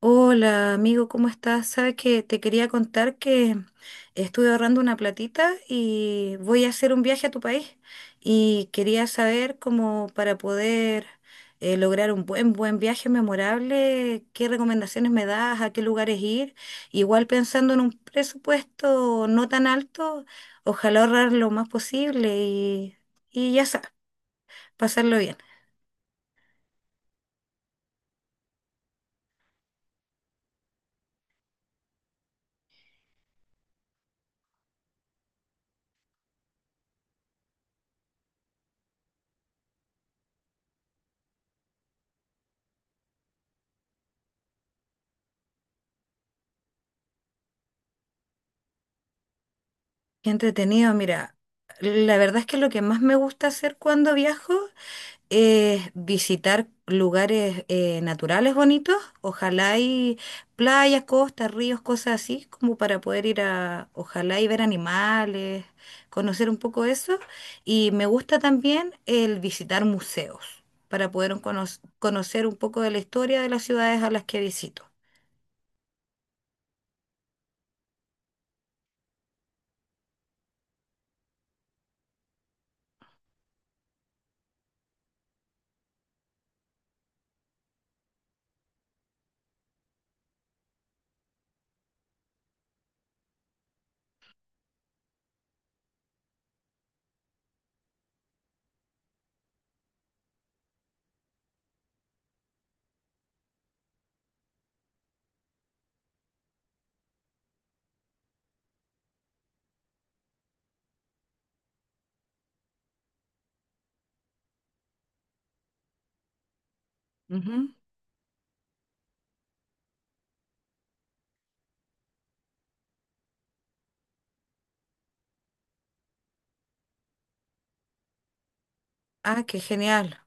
Hola amigo, ¿cómo estás? Sabes que te quería contar que estuve ahorrando una platita y voy a hacer un viaje a tu país y quería saber cómo para poder lograr un buen viaje memorable, qué recomendaciones me das, a qué lugares ir. Igual pensando en un presupuesto no tan alto, ojalá ahorrar lo más posible y ya sabes, pasarlo bien. Qué entretenido, mira. La verdad es que lo que más me gusta hacer cuando viajo es visitar lugares naturales bonitos, ojalá hay playas, costas, ríos, cosas así, como para poder ir a, ojalá y ver animales, conocer un poco eso. Y me gusta también el visitar museos, para poder conocer un poco de la historia de las ciudades a las que visito. Ujú. Ah, qué genial.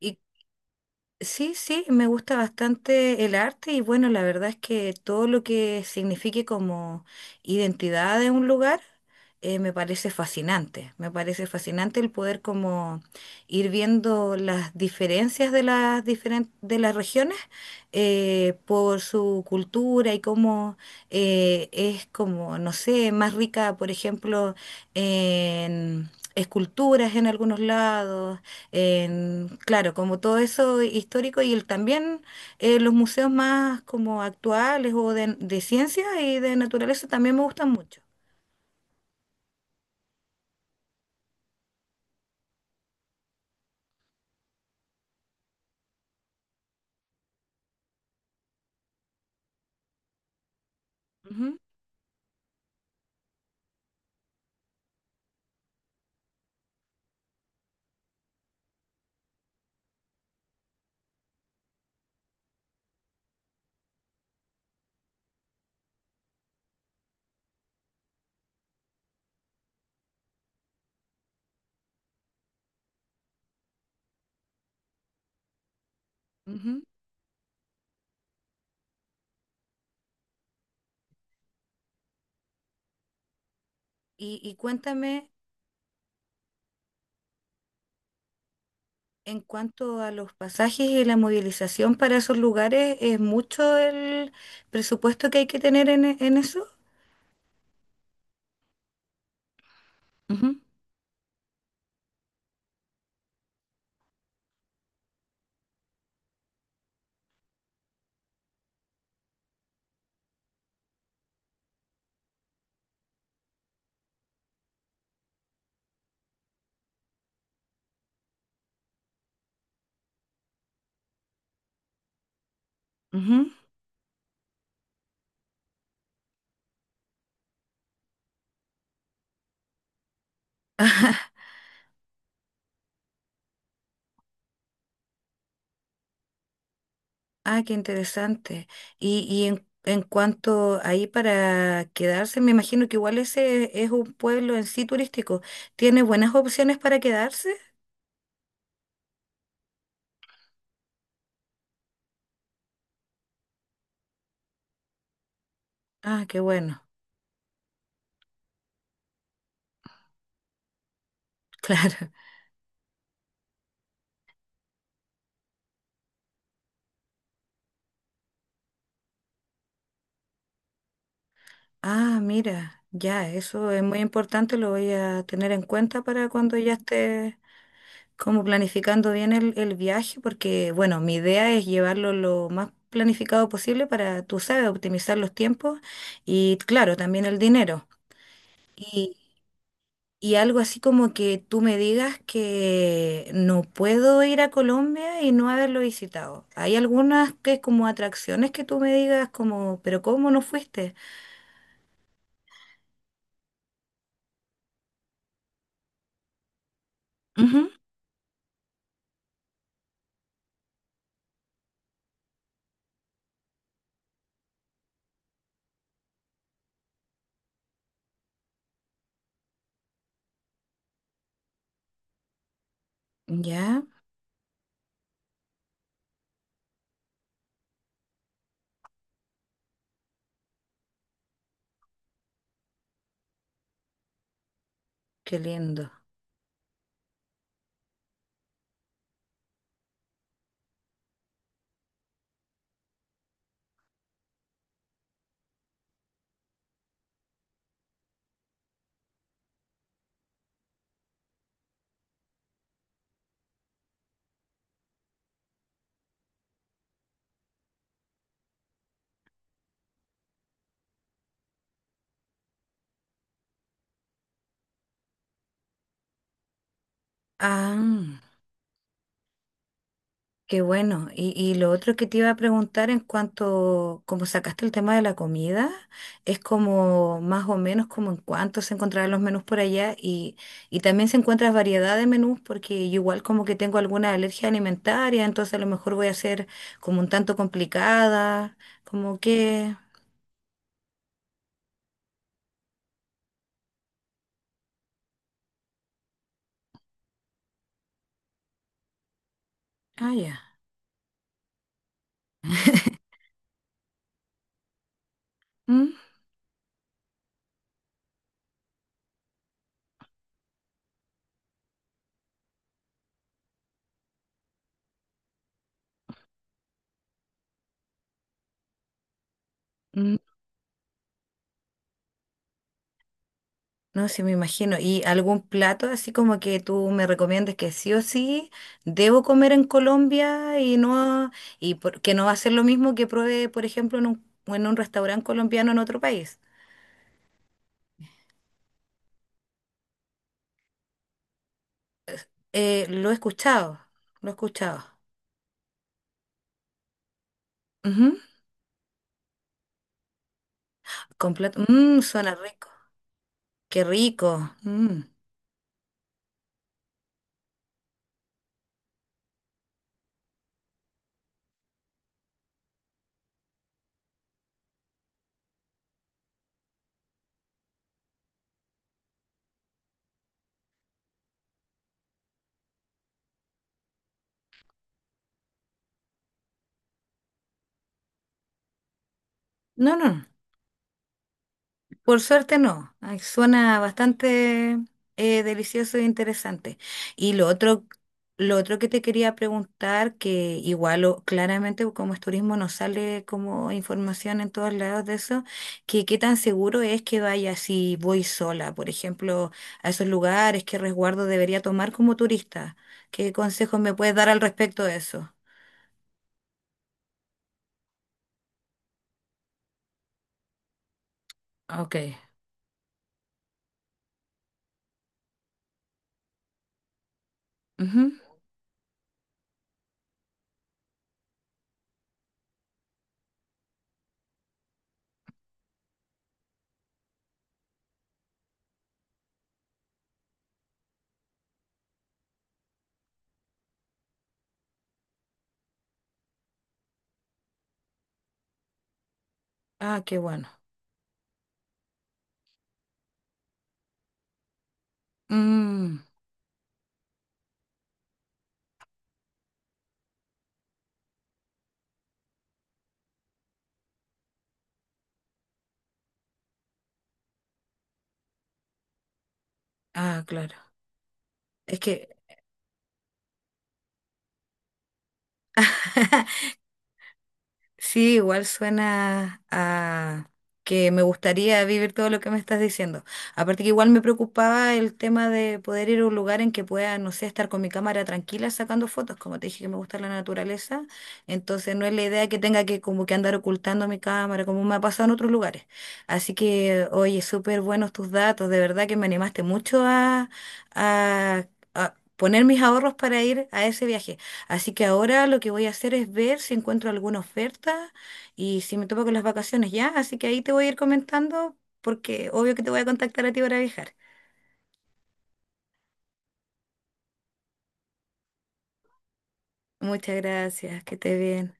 ¿Y sí, sí, me gusta bastante el arte y bueno, la verdad es que todo lo que signifique como identidad de un lugar, me parece fascinante. Me parece fascinante el poder como ir viendo las diferencias de de las regiones, por su cultura y cómo, es como, no sé, más rica, por ejemplo, en esculturas en algunos lados, en, claro, como todo eso histórico y el, también, los museos más como actuales o de ciencia y de naturaleza también me gustan mucho. Ujú, ujú. Y cuéntame, en cuanto a los pasajes y la movilización para esos lugares, ¿es mucho el presupuesto que hay que tener en eso? Ujú, ujú. Ah, qué interesante. Y en cuanto ahí para quedarse, me imagino que igual ese es un pueblo en sí turístico. ¿Tiene buenas opciones para quedarse? Ah, qué bueno, claro. Ah, mira, ya, eso es muy importante, lo voy a tener en cuenta para cuando ya esté como planificando bien el viaje, porque bueno, mi idea es llevarlo lo más planificado posible para, tú sabes, optimizar los tiempos y claro, también el dinero. Y algo así como que tú me digas que no puedo ir a Colombia y no haberlo visitado. Hay algunas que como atracciones que tú me digas como, pero ¿cómo no fuiste? Ujú. Ya, qué lindo. Ah. Qué bueno. Y lo otro que te iba a preguntar en cuanto, como sacaste el tema de la comida, es como más o menos como en cuánto se encontrarán los menús por allá y también se encuentra variedad de menús porque yo igual como que tengo alguna alergia alimentaria, entonces a lo mejor voy a ser como un tanto complicada, como que... Ah, ya. ¿Mm? Mm. No, sí me imagino. ¿Y algún plato así como que tú me recomiendes que sí o sí debo comer en Colombia que no va a ser lo mismo que pruebe, por ejemplo, en en un restaurante colombiano en otro país? Lo he escuchado, lo he escuchado. Ujú. Con plato- mm, suena rico. Qué rico. Mm. No, no, no. Por suerte no. Ay, suena bastante delicioso e interesante. Y lo otro que te quería preguntar, que claramente como es turismo no sale como información en todos lados de eso, que qué tan seguro es que vaya si voy sola, por ejemplo, a esos lugares, qué resguardo debería tomar como turista, qué consejos me puedes dar al respecto de eso. Ok. Ujú. Ah, qué bueno. Mm. Ah, claro. Es que sí, igual suena a que me gustaría vivir todo lo que me estás diciendo. Aparte que igual me preocupaba el tema de poder ir a un lugar en que pueda, no sé, estar con mi cámara tranquila sacando fotos. Como te dije que me gusta la naturaleza, entonces no es la idea que tenga que como que andar ocultando mi cámara, como me ha pasado en otros lugares. Así que, oye, súper buenos tus datos. De verdad que me animaste mucho a, a a poner mis ahorros para ir a ese viaje. Así que ahora lo que voy a hacer es ver si encuentro alguna oferta y si me topo con las vacaciones ya. Así que ahí te voy a ir comentando porque obvio que te voy a contactar a ti para viajar. Muchas gracias, que estés bien.